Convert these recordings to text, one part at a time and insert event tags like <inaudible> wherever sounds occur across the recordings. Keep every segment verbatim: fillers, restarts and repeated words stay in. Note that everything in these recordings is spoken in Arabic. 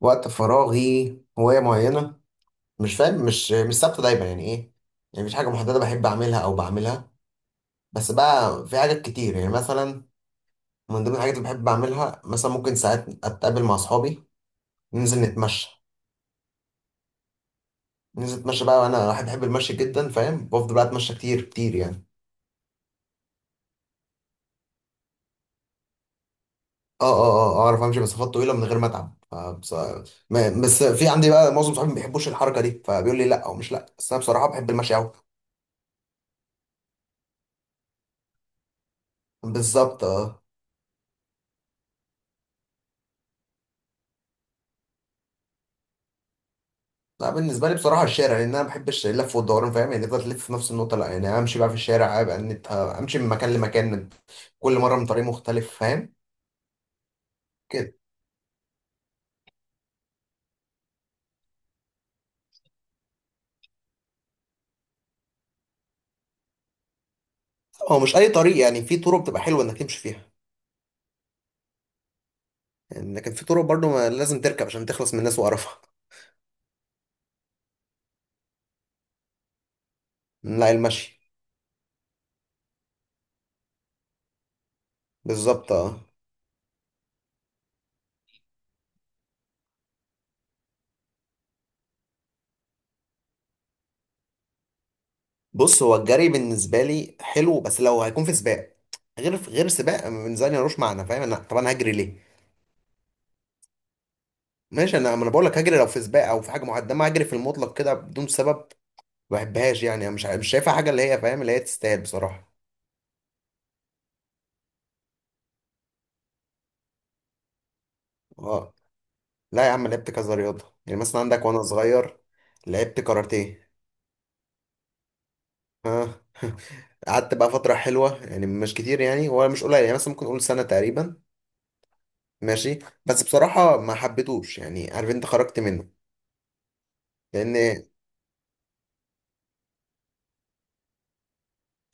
وقت فراغي هواية معينة، مش فاهم. مش مش ثابتة دايما، يعني ايه؟ يعني مفيش حاجة محددة بحب أعملها أو بعملها، بس بقى في حاجات كتير. يعني مثلا من ضمن الحاجات اللي بحب أعملها، مثلا ممكن ساعات أتقابل مع أصحابي، ننزل نتمشى. ننزل نتمشى بقى، وأنا واحد بحب المشي جدا، فاهم؟ بفضل بقى أتمشى كتير كتير يعني. اه، اه، اه، آه، أعرف أمشي مسافات طويلة من غير ما أتعب. فبص- ما- بس في عندي بقى معظم صحابي ما بيحبوش الحركة دي، فبيقول لي لا، أو مش لا، بس أنا بصراحة بحب المشي أوي. بالظبط، اه. لا، بالنسبه لي بصراحه الشارع، لان انا ما بحبش اللف والدوران، فاهم يعني؟ تفضل تلف في نفس النقطه، لا، يعني امشي بقى في الشارع، ابقى نت- امشي من مكان لمكان، كل مره من طريق مختلف، فاهم؟ كده. هو مش اي طريق، يعني في طرق بتبقى حلوه انك تمشي فيها، يعني لكن في طرق برضو ما لازم تركب عشان تخلص من الناس وقرفها. لا، المشي. بالظبط، اه. بص، هو الجري بالنسبه لي حلو، بس لو هيكون في سباق. غير غير سباق بالنسبه لي ملوش معنى، فاهم؟ انا، طب انا هجري ليه؟ ماشي، انا، ما انا بقول لك هجري لو في سباق، او في حاجه معينه، ما هجري في المطلق كده بدون سبب. ما بحبهاش يعني، أنا مش ع- مش شايفها حاجه، اللي هي فاهم، اللي هي تستاهل بصراحه. اه. لا يا عم، لعبت كذا رياضه، يعني مثلا عندك وانا صغير لعبت كاراتيه. اه. <laughs> قعدت بقى فتره حلوه، يعني مش كتير، يعني هو مش قليل، يعني مثلا ممكن اقول سنه تقريبا. ماشي. بس بصراحه ما حبيتهوش، يعني عارف انت، خرجت منه. لان.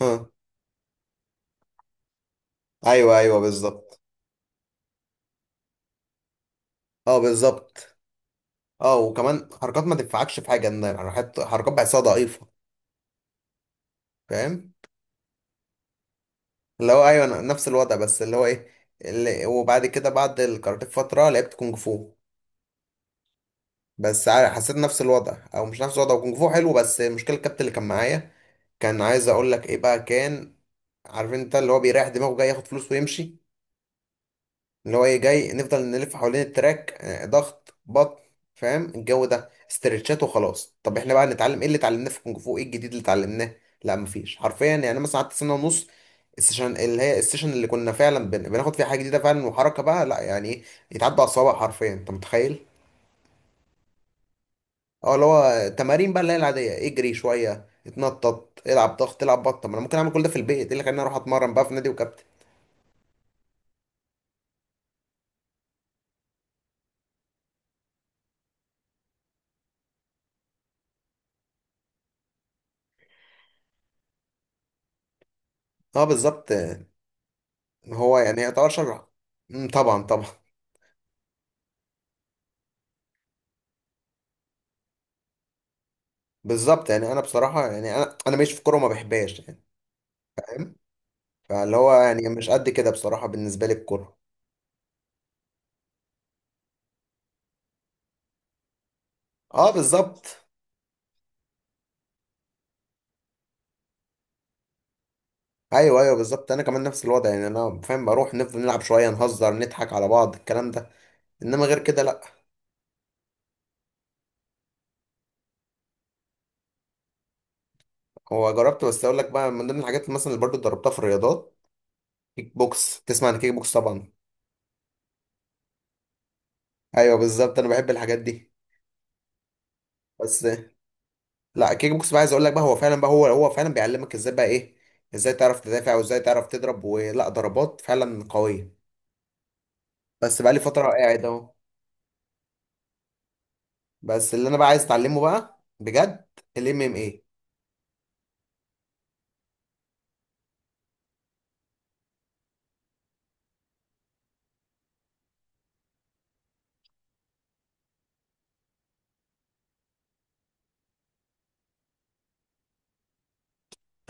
اه. ايوه، ايوه، بالظبط. اه، بالظبط. اه، وكمان حركات ما تنفعكش في حاجه، إن حركات حركات بحسها ضعيفه. فاهم، اللي هو ايوه، أنا نفس الوضع، بس اللي هو ايه، اللي وبعد كده بعد الكاراتيه بفتره لعبت كونج فو. بس عار- حسيت نفس الوضع، او مش نفس الوضع، كونج فو حلو، بس المشكله الكابتن اللي كان معايا كان عايز اقول لك ايه بقى، كان عارف انت اللي هو بيريح دماغه، جاي ياخد فلوس ويمشي. اللي هو ايه، جاي نفضل نلف حوالين التراك آه، ضغط بطن، فاهم الجو ده، استرتشات وخلاص. طب احنا بقى نتعلم ايه؟ اللي اتعلمناه في الكونج فو ايه الجديد اللي اتعلمناه؟ لا مفيش حرفيا، يعني مثلا قعدت سنه ونص، السيشن اللي هي السيشن اللي كنا فعلا بن- بناخد فيها حاجه جديده فعلا وحركه بقى، لا يعني ايه، يتعدى على الصوابع حرفيا، انت متخيل؟ اه، اللي هو تمارين بقى، اللي هي العاديه، اجري شويه، اتنطط، العب ضغط، العب بطن. طب ما انا ممكن اعمل كل ده في البيت، ايه اللي خلاني اروح اتمرن بقى في نادي وكابتن؟ اه بالظبط، آه. هو يعني يعتبر شجره. مم، طبعا طبعا. بالظبط، يعني انا بصراحه، يعني انا انا ماشي في الكوره وما بحبهاش يعني، فاهم. فاللي هو يعني مش قد كده بصراحه بالنسبه لي الكوره. اه بالظبط. ايوه، ايوه بالظبط، انا كمان نفس الوضع، يعني انا فاهم، بروح نفضل نلعب شويه، نهزر، نضحك على بعض، الكلام ده، انما غير كده لا. هو جربت، بس اقول لك بقى من ضمن الحاجات اللي مثلا، اللي برضه اتدربتها في الرياضات، كيك بوكس. تسمع عن كيك بوكس طبعا. ايوه بالظبط، انا بحب الحاجات دي. بس. لا، كيك بوكس بقى عايز اقول لك بقى، هو فعلا بقى، هو هو فعلا بيعلمك ازاي بقى ايه، ازاي تعرف تدافع، وازاي تعرف تضرب، ولا ضربات فعلا قويه. بس بقى لي فتره قاعد اهو. بس اللي انا بقى عايز اتعلمه بقى بجد، الام ام اي.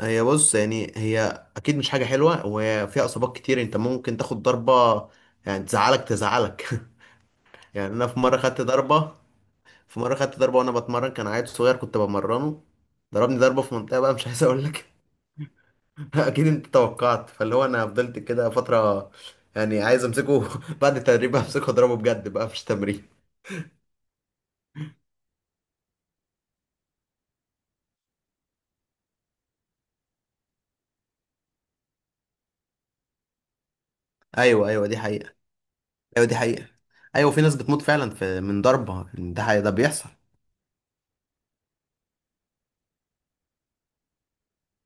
هي بص، يعني هي اكيد مش حاجه حلوه، وفيها اصابات كتير، انت ممكن تاخد ضربه، يعني تزعلك، تزعلك. <laughs> يعني انا في مره خدت ضربه، في مره خدت ضربه وانا بتمرن، كان عيل صغير كنت بمرنه، ضربني ضربه في منطقه بقى مش عايز اقول لك. <laughs> اكيد انت توقعت، فاللي هو انا فضلت كده فتره، يعني عايز امسكه <laughs> بعد التدريب، امسكه اضربه بجد بقى مش تمرين. ايوه، ايوه، دي حقيقه. ايوه دي حقيقة، ايوه في ناس بتموت فعلا في من ضربة، ده حقيقة، ده بيحصل.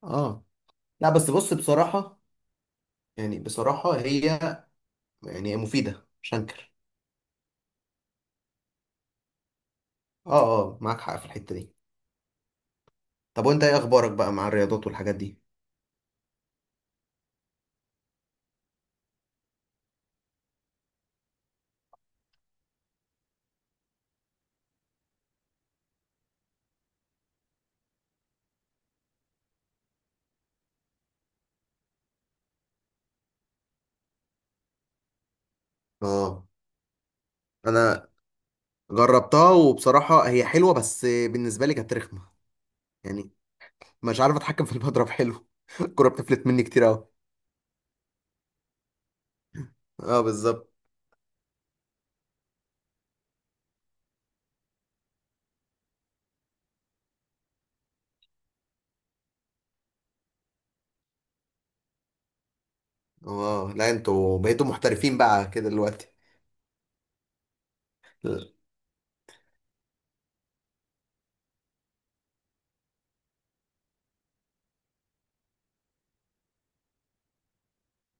اه. لا بس بص، بصراحة يعني، بصراحة هي، يعني هي مفيدة، مش هنكر. اه. اه، معاك حق في الحتة دي. طب وانت ايه اخبارك بقى مع الرياضات والحاجات دي؟ اه، انا جربتها، وبصراحة هي حلوة، بس بالنسبة لي كانت رخمة. يعني مش عارف اتحكم في المضرب حلو. <laughs> الكرة بتفلت مني كتير اوي. اه بالظبط. اه لا، انتوا بقيتوا محترفين بقى كده دلوقتي.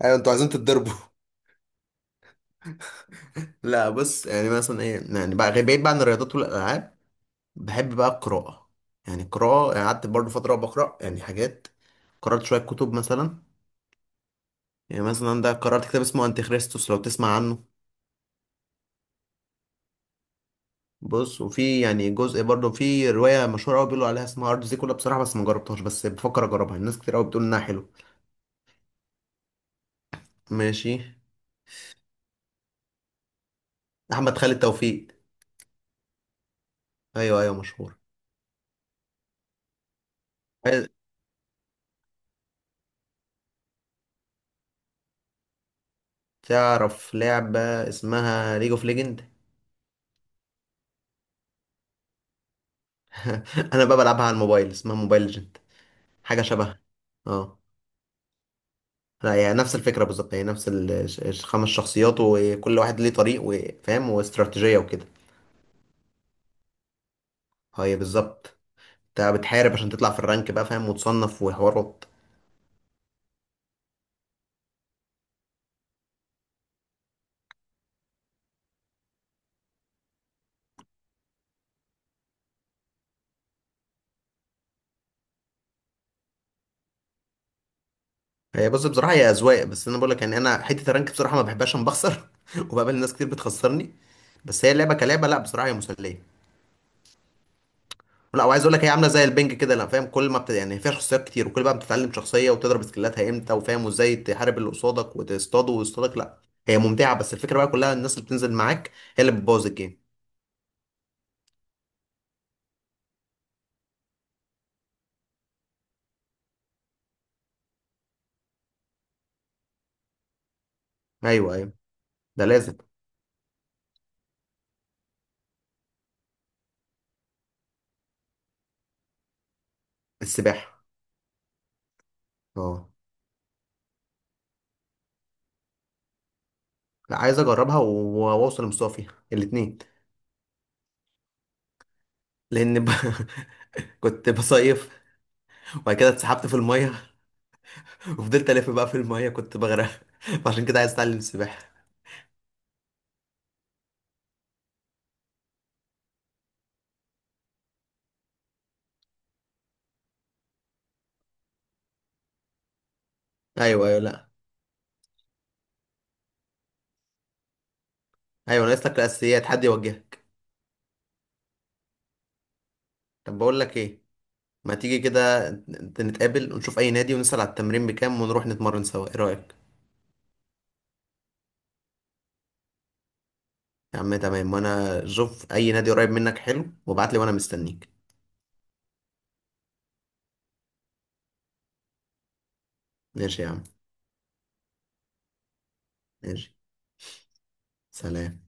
ايوه انتوا عايزين تتضربوا. لا بص، يعني مثلا ايه يعني بقى، بعيد بقى عن الرياضات والالعاب، بحب بقى القراءه، يعني القراءه، يعني قعدت برضه فتره بقرا يعني حاجات، قرات شويه كتب مثلا. يعني مثلا ده قرات كتاب اسمه انتي خريستوس، لو تسمع عنه. بص، وفي يعني جزء برضه، في روايه مشهوره قوي بيقولوا عليها اسمها ارض زيكولا بصراحه، بس ما جربتهاش، بس بفكر اجربها، الناس كتير قوي بتقول انها حلو. ماشي. احمد خالد توفيق. ايوه، ايوه مشهور. عايز تعرف لعبه اسمها ليج اوف ليجند؟ <laughs> انا بقى بلعبها على الموبايل، اسمها موبايل ليجند. حاجة شبه. اه لا، هي نفس الفكرة بالظبط، هي نفس الخمس شخصيات، وكل واحد ليه طريق، وفاهم، واستراتيجية وكده. هي بالظبط، انت بتحارب عشان تطلع في الرانك بقى، فاهم، وتصنف، وحوارات. هي بص، بصراحة هي أذواق، بس أنا بقول لك، يعني أنا حتة الرانك بصراحة ما بحبهاش عشان بخسر، <laughs> وبقابل ناس كتير بتخسرني. بس هي لعبة كلعبة، لا، بصراحة هي مسلية. لا، وعايز اقول لك، هي عامله زي البنج كده، لا فاهم، كل ما بت... يعني فيها شخصيات كتير، وكل بقى بتتعلم شخصيه، وتضرب سكيلاتها امتى، وفاهم، وازاي تحارب اللي قصادك وتصطاده ويصطادك، لا، هي ممتعه، بس الفكره بقى كلها الناس اللي بتنزل معاك، هي اللي بتبوظ الجيم. ايوه، ايوه، ده لازم. السباحه. اه. لا، عايز اجربها و- واوصل لمستوى فيها، الاثنين. لان ب... <laughs> كنت بصيف، وبعد كده اتسحبت في الميه، <laughs> وفضلت الف بقى في الميه، كنت بغرق. <laughs> فعشان كده عايز اتعلم السباحه. ايوه، ايوه، لا. ايوه، ناقص لك الاساسيات، حد يوجهك. طب بقول لك ايه، ما تيجي كده نت- نتقابل، ونشوف اي نادي، ونسأل على التمرين بكام، ونروح نتمرن سوا، ايه رأيك؟ يا عم تمام، وانا شوف اي نادي قريب منك حلو، وابعت لي وانا مستنيك. ماشي يا عم. ماشي. سلام.